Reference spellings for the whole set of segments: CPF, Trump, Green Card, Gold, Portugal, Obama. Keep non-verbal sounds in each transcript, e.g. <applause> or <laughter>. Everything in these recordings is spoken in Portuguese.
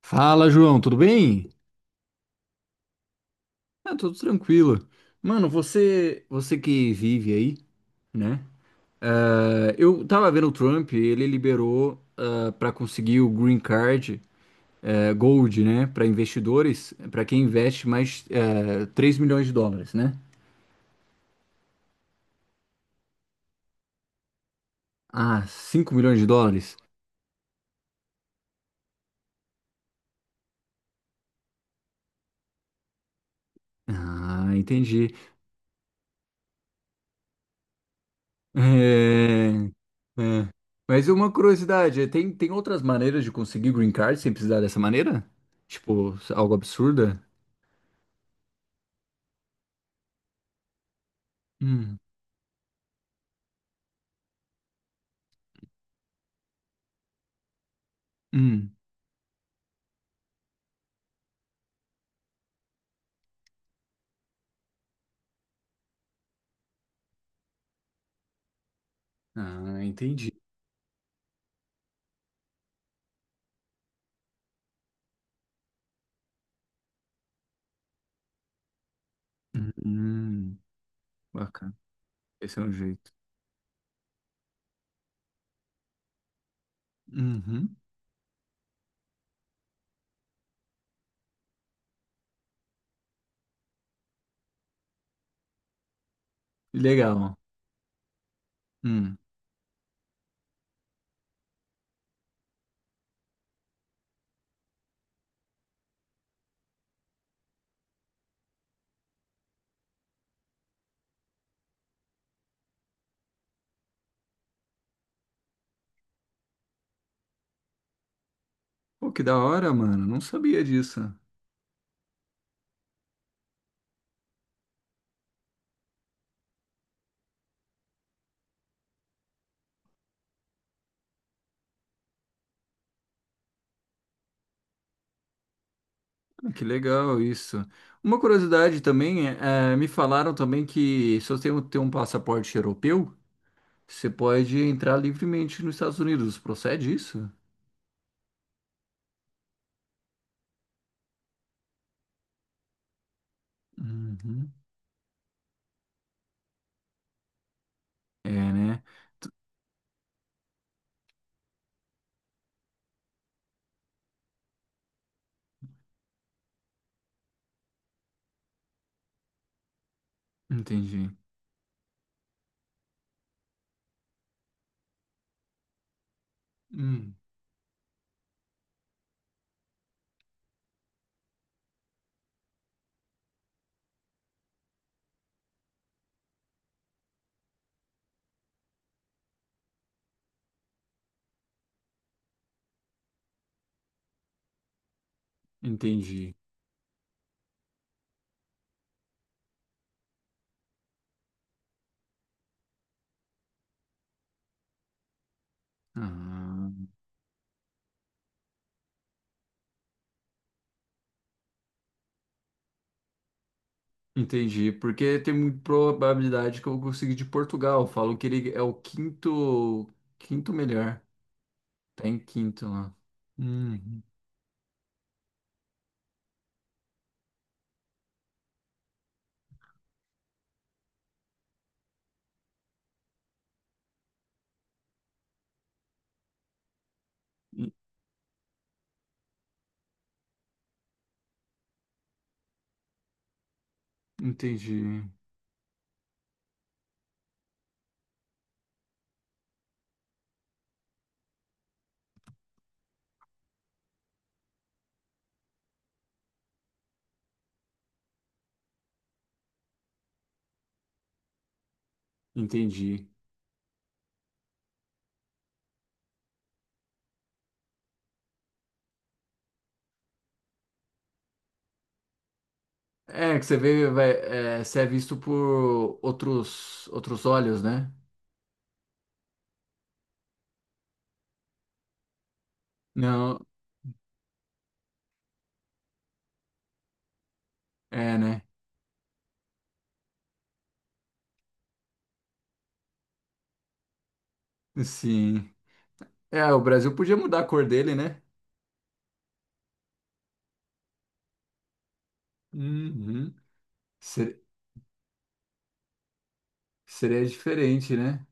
Fala, João, tudo bem? Ah, tudo tranquilo. Mano, você que vive aí, né? Eu tava vendo o Trump, ele liberou ah, pra para conseguir o Green Card Gold, né, pra investidores, pra quem investe mais 3 milhões de dólares, né? Ah, cinco milhões de dólares? Ah, entendi. <laughs> É, é. Mas uma curiosidade, tem outras maneiras de conseguir Green Card sem precisar dessa maneira? Tipo, algo absurda? Hum. Hum. Ah, entendi. Hum. Bacana. Esse é um jeito. Uhum. Legal. Hum. Pô, que da hora, mano. Não sabia disso. Ah, que legal isso. Uma curiosidade também, me falaram também que se você tem um passaporte europeu, você pode entrar livremente nos Estados Unidos. Procede isso? Uhum. É, né? T- Entendi. Hum, entendi. Ah. Entendi, porque tem muita probabilidade que eu vou conseguir de Portugal. Falam que ele é o quinto melhor. Tá em quinto lá. Uhum. En- Entendi, entendi. É que você vê, vai, é, você é visto por outros olhos, né? Não, é, né? Sim. É, o Brasil podia mudar a cor dele, né? Uhum. Ser- Seria diferente, né?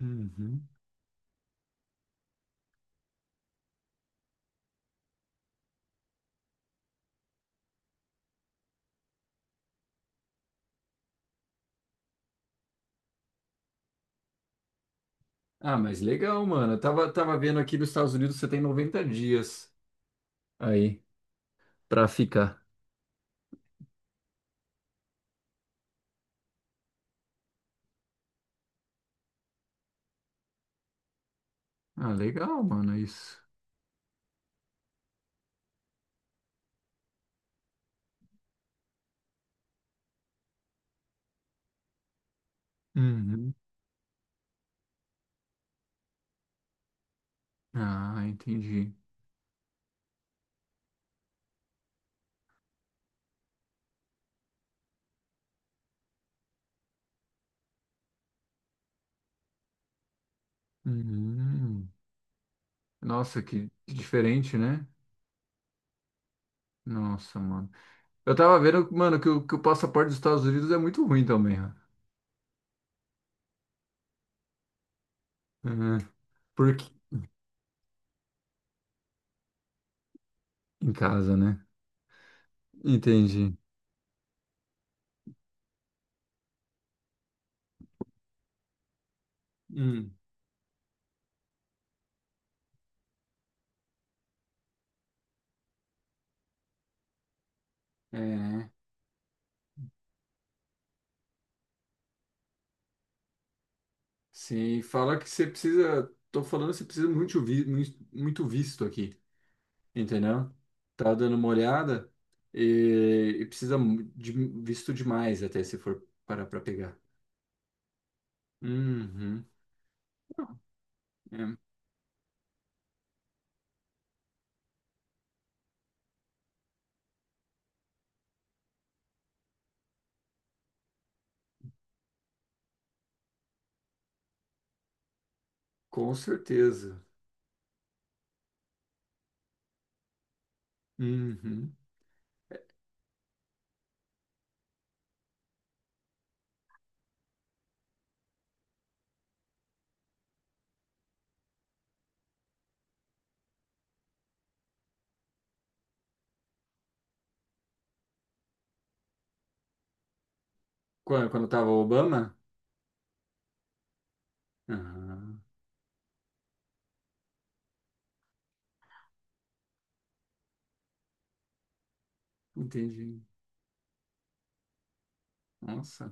Uhum. Ah, mas legal, mano. Eu tava vendo aqui nos Estados Unidos você tem 90 dias aí pra ficar. Ah, legal, mano, é isso. Uhum. Ah, entendi. Uhum. Nossa, que diferente, né? Nossa, mano. Eu tava vendo, mano, que o passaporte dos Estados Unidos é muito ruim também, ó. Uhum. Porque em casa, né? Entendi. Hum. É. Sim, fala que você precisa. Tô falando que você precisa muito, vi, muito visto aqui. Entendeu? Tava dando uma olhada e, de visto demais até se for parar para pegar. Uhum. É, com certeza. Uhum. Quando, quando tava o Obama? Ah, entendi. Nossa.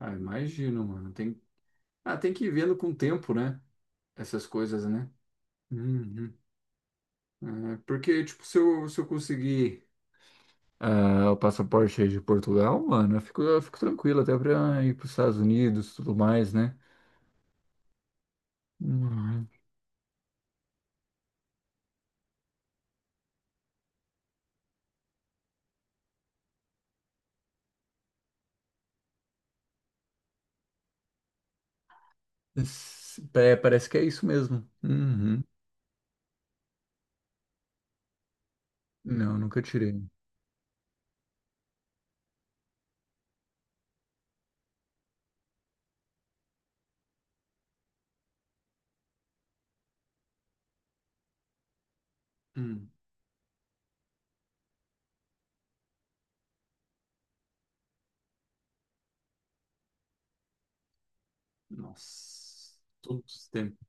Ah, imagino, mano. Tem, ah, tem que ir vendo com o tempo, né? Essas coisas, né? Uhum. É, porque, tipo, se eu, se eu conseguir o passaporte aí de Portugal, mano, eu fico tranquilo até pra ir pros Estados Unidos e tudo mais, né? Uhum. É, parece que é isso mesmo. Uhum. Não, nunca tirei. Hum, nossa, todos os tempos.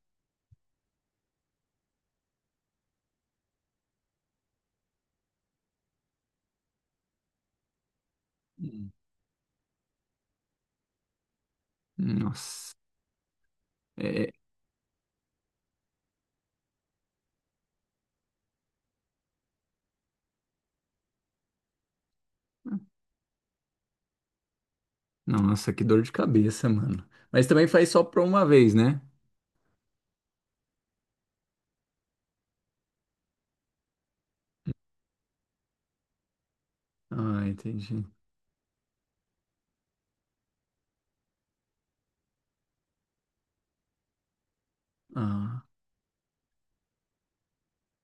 Hum. Nossa. É, nossa, que dor de cabeça, mano. Mas também faz só pra uma vez, né? Ah, entendi. Ah,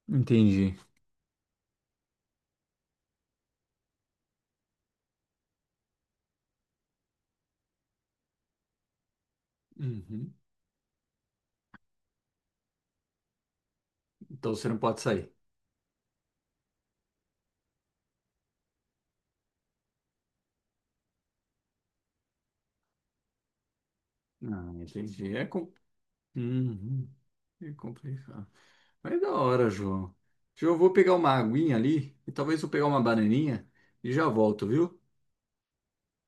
entendi. Uhum. Então você não pode sair. Ah, entendi. É, com... Uhum. É complicado. Mas é da hora, João. João, eu vou pegar uma aguinha ali e talvez eu pegar uma bananinha e já volto, viu?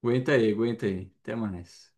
Aguenta aí, aguenta aí. Até mais.